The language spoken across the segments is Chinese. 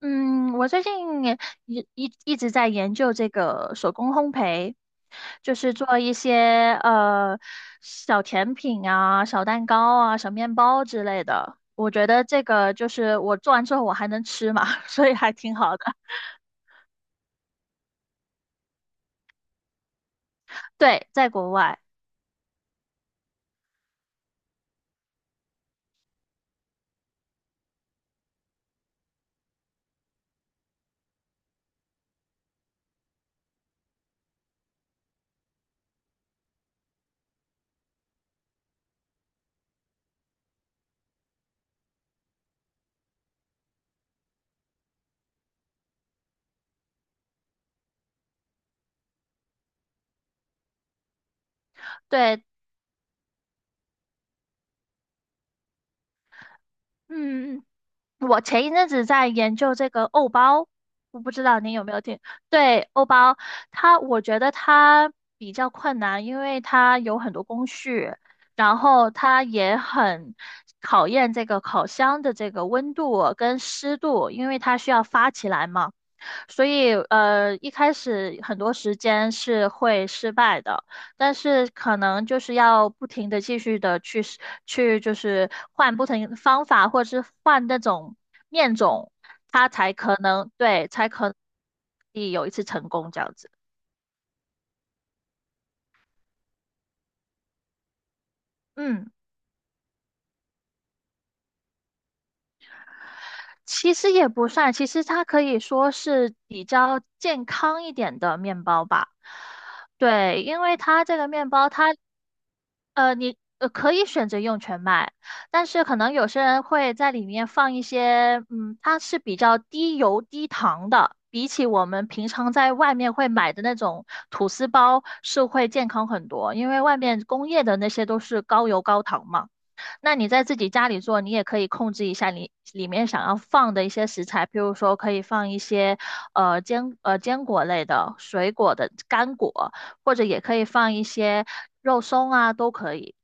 嗯，我最近也一直在研究这个手工烘焙，就是做一些小甜品啊、小蛋糕啊、小面包之类的。我觉得这个就是我做完之后我还能吃嘛，所以还挺好的。对，在国外，对。嗯，我前一阵子在研究这个欧包，我不知道您有没有听？对，欧包，我觉得它比较困难，因为它有很多工序，然后它也很考验这个烤箱的这个温度跟湿度，因为它需要发起来嘛。所以，一开始很多时间是会失败的，但是可能就是要不停的继续的去试去，就是换不同的方法，或者是换那种面种，它才可能对，才可以有一次成功这样子。嗯，其实也不算，其实它可以说是比较健康一点的面包吧。对，因为它这个面包它你可以选择用全麦，但是可能有些人会在里面放一些，嗯，它是比较低油低糖的，比起我们平常在外面会买的那种吐司包是会健康很多，因为外面工业的那些都是高油高糖嘛。那你在自己家里做，你也可以控制一下你里面想要放的一些食材，譬如说可以放一些坚果类的、水果的干果，或者也可以放一些肉松啊，都可以。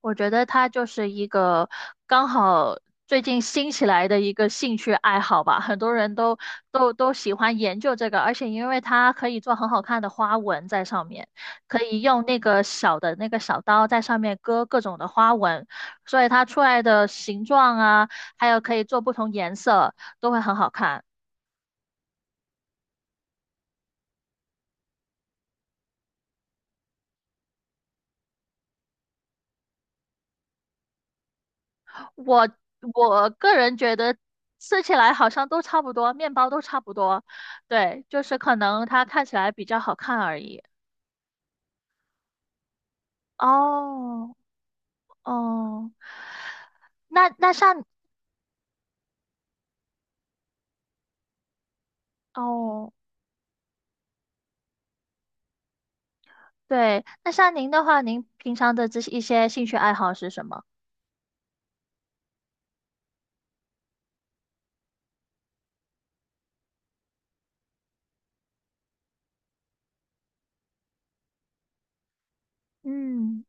我觉得它就是一个刚好最近兴起来的一个兴趣爱好吧，很多人都喜欢研究这个，而且因为它可以做很好看的花纹在上面，可以用那个小的那个小刀在上面割各种的花纹，所以它出来的形状啊，还有可以做不同颜色，都会很好看。我我个人觉得吃起来好像都差不多，面包都差不多。对，就是可能它看起来比较好看而已。哦。哦，那那像哦，对，那像您的话，您平常的这些一些兴趣爱好是什么？嗯。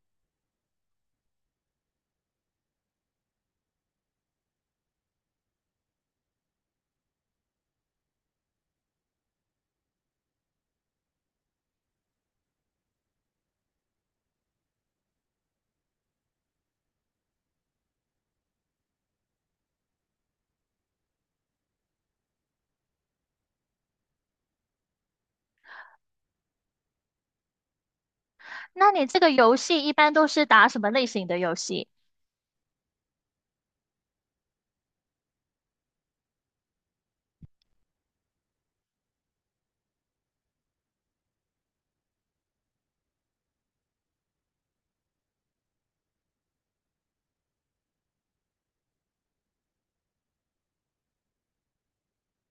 那你这个游戏一般都是打什么类型的游戏？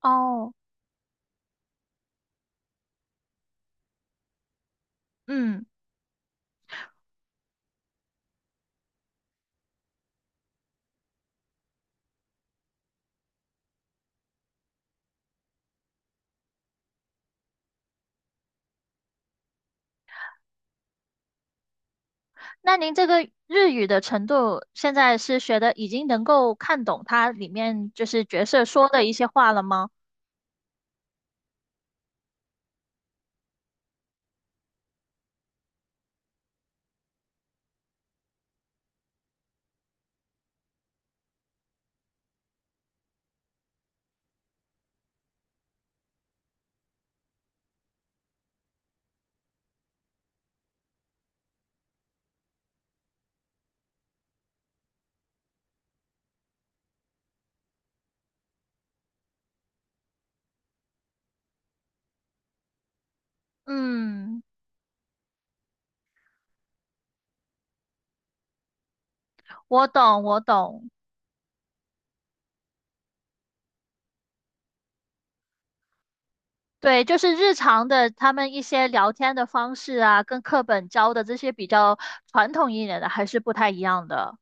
哦。嗯，那您这个日语的程度现在是学的已经能够看懂它里面就是角色说的一些话了吗？嗯，我懂，我懂。对，就是日常的他们一些聊天的方式啊，跟课本教的这些比较传统一点的还是不太一样的。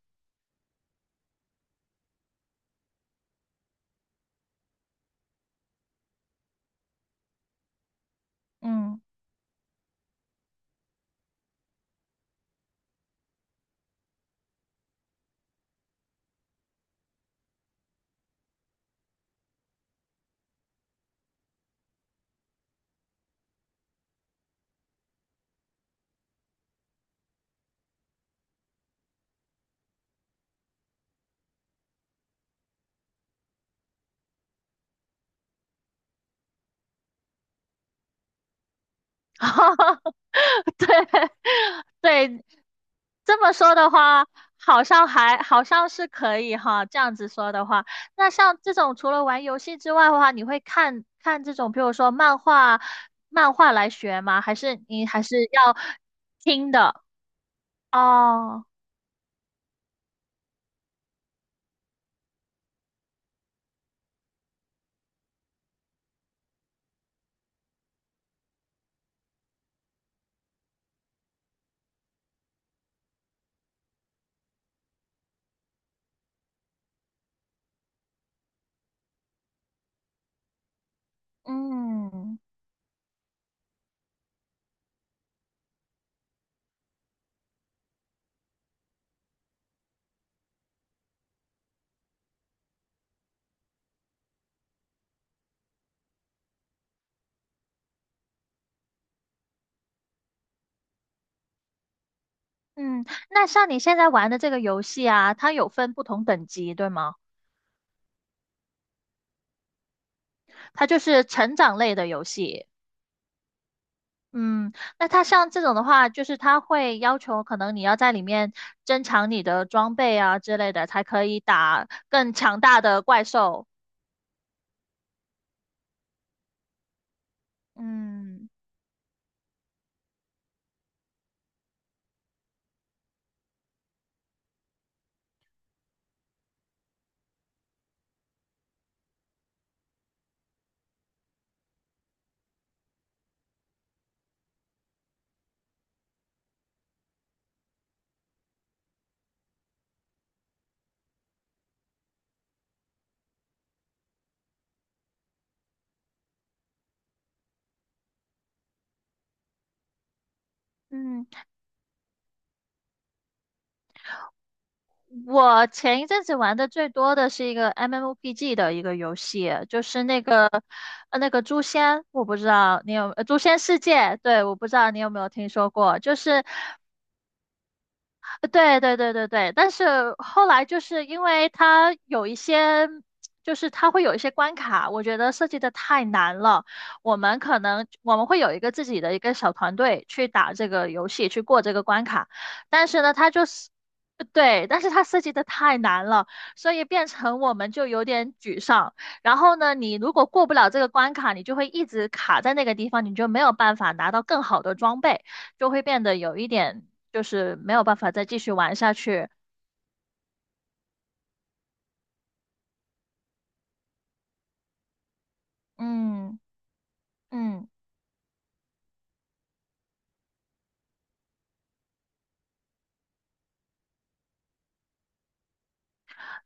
嗯。对对，这么说的话，好像还好像是可以哈。这样子说的话，那像这种除了玩游戏之外的话，你会看看这种，比如说漫画，漫画来学吗？还是你还是要听的？哦。嗯。嗯，那像你现在玩的这个游戏啊，它有分不同等级，对吗？它就是成长类的游戏。嗯，那它像这种的话，就是它会要求可能你要在里面增强你的装备啊之类的，才可以打更强大的怪兽。嗯。嗯，我前一阵子玩的最多的是一个 MMOPG 的一个游戏，就是那个那个诛仙，我不知道你有诛仙世界，对，我不知道你有没有听说过，就是。对对对对对，但是后来就是因为它有一些，就是它会有一些关卡，我觉得设计的太难了。我们会有一个自己的一个小团队去打这个游戏，去过这个关卡，但是呢，它就是。对，但是它设计的太难了，所以变成我们就有点沮丧。然后呢，你如果过不了这个关卡，你就会一直卡在那个地方，你就没有办法拿到更好的装备。就会变得有一点就是没有办法再继续玩下去。嗯。嗯，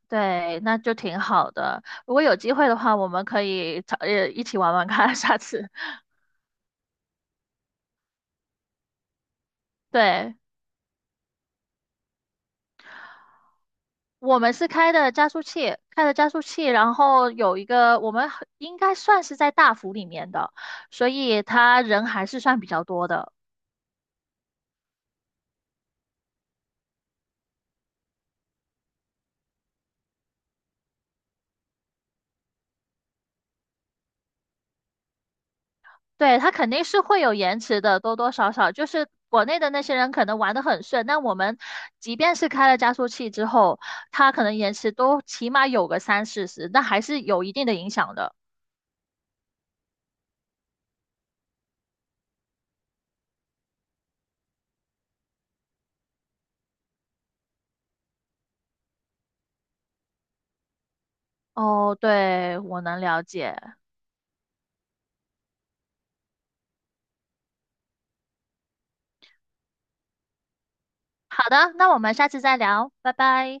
对，那就挺好的。如果有机会的话，我们可以找一起玩玩看，下次。对，我们是开的加速器，开的加速器，然后有一个我们很应该算是在大服里面的，所以他人还是算比较多的。对，它肯定是会有延迟的，多多少少。就是国内的那些人可能玩得很顺，但我们即便是开了加速器之后，它可能延迟都起码有个三四十，那还是有一定的影响的。哦，对，我能了解。好的，那我们下次再聊，拜拜。